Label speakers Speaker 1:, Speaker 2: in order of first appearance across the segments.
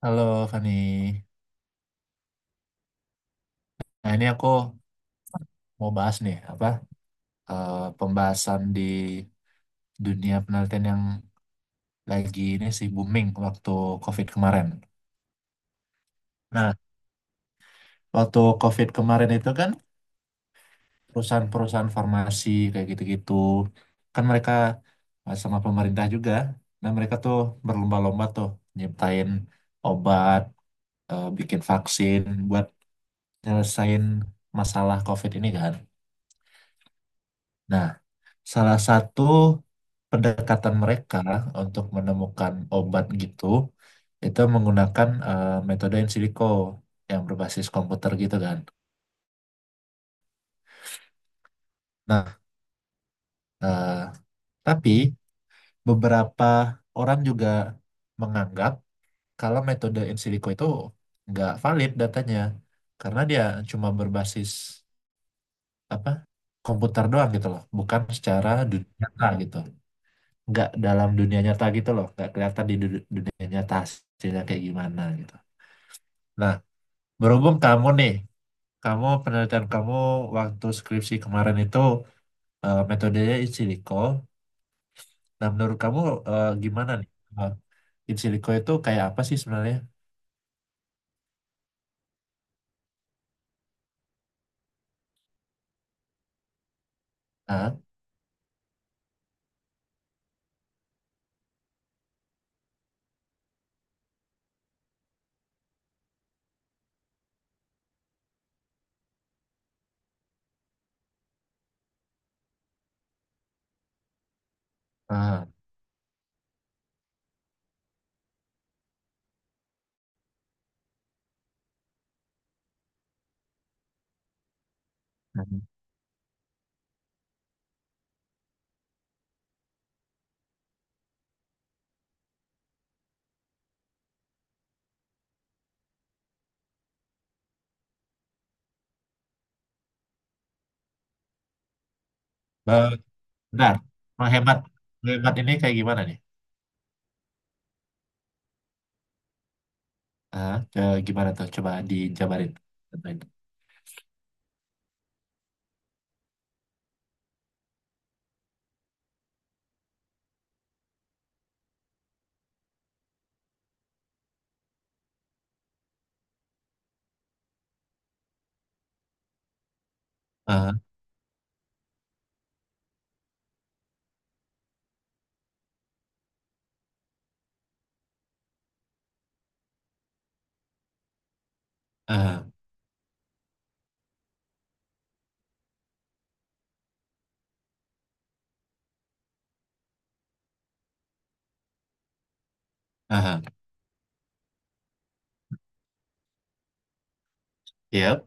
Speaker 1: Halo Fani. Nah ini aku mau bahas nih pembahasan di dunia penelitian yang lagi ini sih booming waktu COVID kemarin. Nah waktu COVID kemarin itu kan perusahaan-perusahaan farmasi kayak gitu-gitu kan mereka, sama pemerintah juga. Nah mereka tuh berlomba-lomba tuh nyiptain obat, eh, bikin vaksin buat nyelesain masalah COVID ini kan. Nah, salah satu pendekatan mereka untuk menemukan obat gitu, itu menggunakan metode in silico yang berbasis komputer gitu kan. Nah, eh, tapi beberapa orang juga menganggap kalau metode in silico itu nggak valid datanya, karena dia cuma berbasis apa komputer doang gitu loh, bukan secara dunia nyata gitu. Nggak dalam dunia nyata gitu loh, nggak kelihatan di dunia nyata hasilnya kayak gimana gitu. Nah, berhubung kamu nih, kamu, penelitian kamu waktu skripsi kemarin itu metodenya in silico. Nah, menurut kamu gimana nih? Eh, In silico itu kayak apa sih sebenarnya? Ah, ah, ah. Ba- Bentar, menghemat, menghemat ini kayak gimana nih? Ah, gimana tuh, coba dijabarin. Ah, ah, ah, ah. Yep.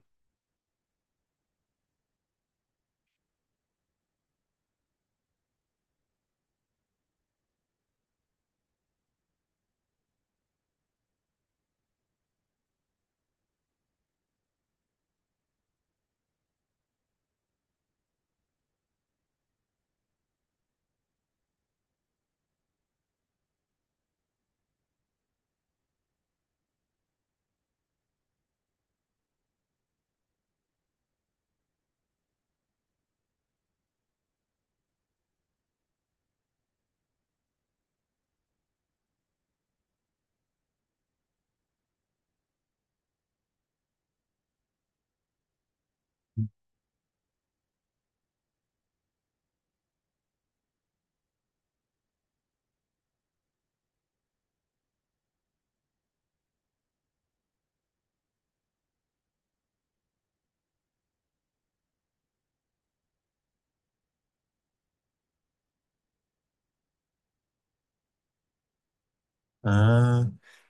Speaker 1: Ah,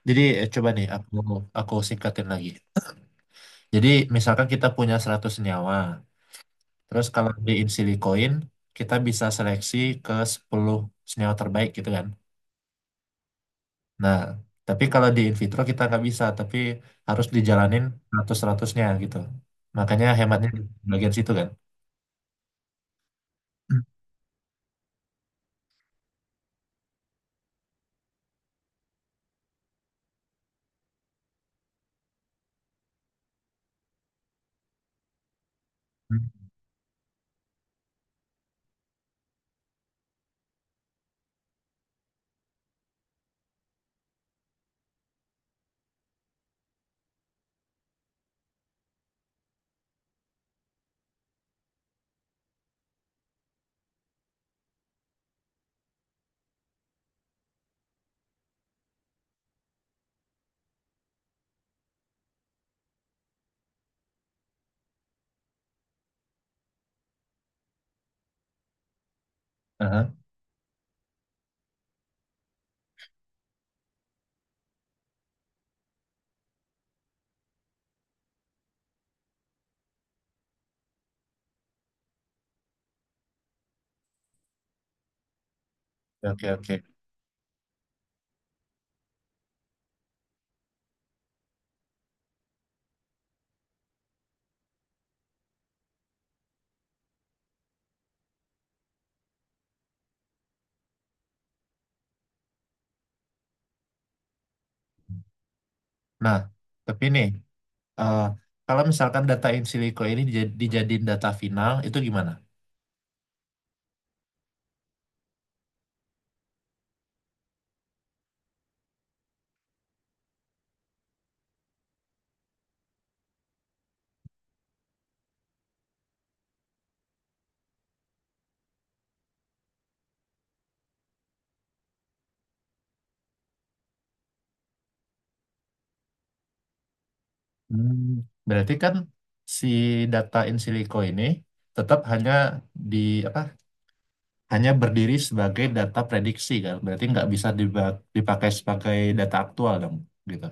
Speaker 1: jadi, coba nih aku singkatin lagi. Jadi misalkan kita punya 100 nyawa, terus kalau diin silikoin kita bisa seleksi ke 10 senyawa terbaik gitu kan. Nah, tapi kalau di in vitro kita nggak bisa, tapi harus dijalanin 100, 100 gitu. Makanya hematnya di bagian situ kan. Hmm. Aha. Oke, oke. Nah, tapi nih, eh, kalau misalkan data in silico ini dijadiin data final, itu gimana? Hmm. Berarti kan si data in silico ini tetap hanya di apa? Hanya berdiri sebagai data prediksi kan? Berarti nggak bisa dipakai sebagai data aktual dong, gitu.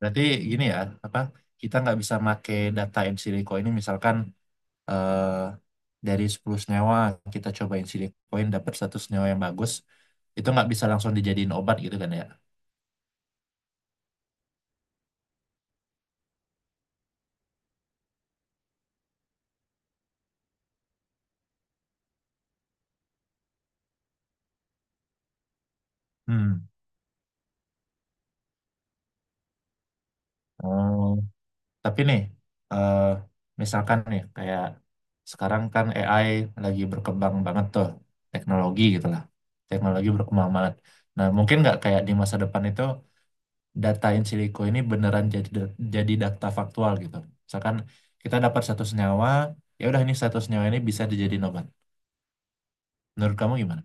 Speaker 1: Berarti gini ya, apa? Kita nggak bisa pakai data in silico ini, misalkan eh, dari 10 senyawa kita cobain silicoin dapat satu senyawa yang bagus, itu nggak bisa langsung dijadiin obat gitu kan ya? Hmm. Tapi nih, eh, misalkan nih, kayak sekarang kan AI lagi berkembang banget tuh, teknologi gitu lah. Teknologi berkembang banget. Nah, mungkin nggak kayak di masa depan itu, data in silico ini beneran jadi data faktual gitu. Misalkan kita dapat satu senyawa, ya udah, ini satu senyawa ini bisa dijadiin obat. Menurut kamu gimana?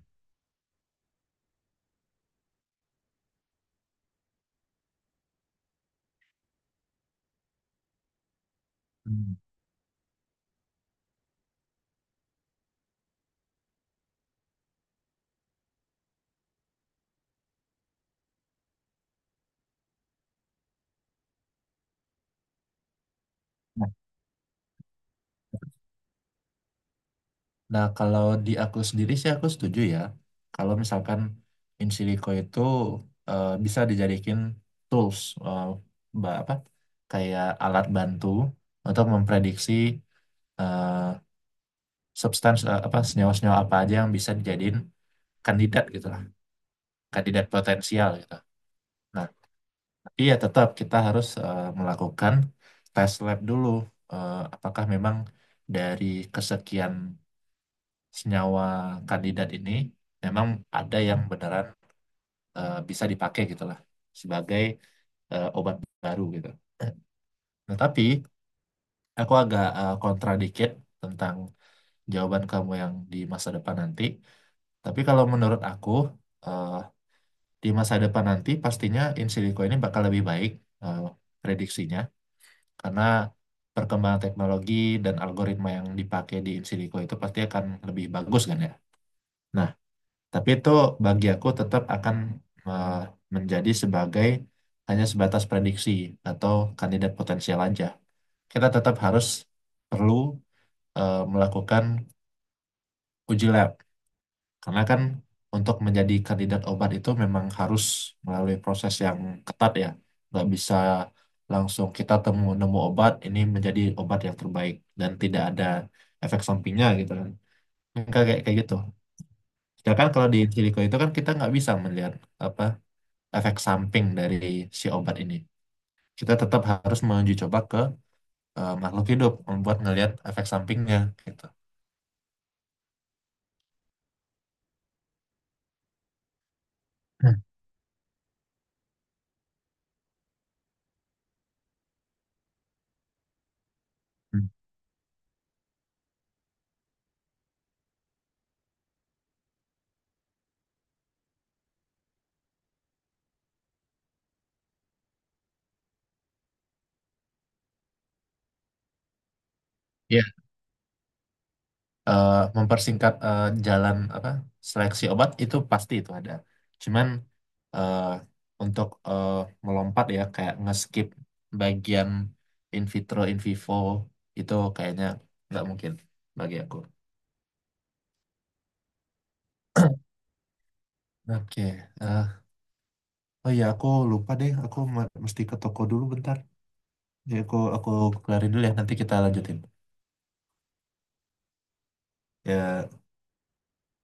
Speaker 1: Hmm. Nah, kalau di aku sendiri sih aku setuju ya. Kalau misalkan in silico itu bisa dijadikan tools, eh, apa, kayak alat bantu untuk memprediksi, eh, apa, senyawa-senyawa apa aja yang bisa dijadiin kandidat gitu lah, kandidat potensial gitu. Nah, tapi ya tetap kita harus melakukan tes lab dulu, apakah memang dari kesekian senyawa kandidat ini memang ada yang beneran bisa dipakai gitu lah, sebagai obat baru gitu. Nah, tapi aku agak kontra dikit tentang jawaban kamu yang di masa depan nanti. Tapi kalau menurut aku, eh, di masa depan nanti pastinya in silico ini bakal lebih baik eh, prediksinya, karena perkembangan teknologi dan algoritma yang dipakai di in silico itu pasti akan lebih bagus kan ya. Tapi itu bagi aku tetap akan eh, menjadi sebagai, hanya sebatas prediksi atau kandidat potensial aja. Kita tetap harus perlu melakukan uji lab, karena kan untuk menjadi kandidat obat itu memang harus melalui proses yang ketat ya. Nggak bisa langsung kita temu nemu obat ini menjadi obat yang terbaik dan tidak ada efek sampingnya gitu kan. Kayak kayak kayak gitu. Sedangkan kalau di in silico itu kan kita nggak bisa melihat apa efek samping dari si obat ini. Kita tetap harus menguji coba ke makhluk hidup, membuat ngelihat efek sampingnya gitu. Hmm, hmm. Ya, mempersingkat, jalan apa, seleksi obat itu pasti itu ada. Cuman eh, untuk melompat ya, kayak nge-skip bagian in vitro, in vivo, itu kayaknya nggak mungkin bagi aku. Oke, eh, oh ya, aku lupa deh, aku mesti ke toko dulu bentar. Jadi aku kelarin dulu ya, nanti kita lanjutin. Ya,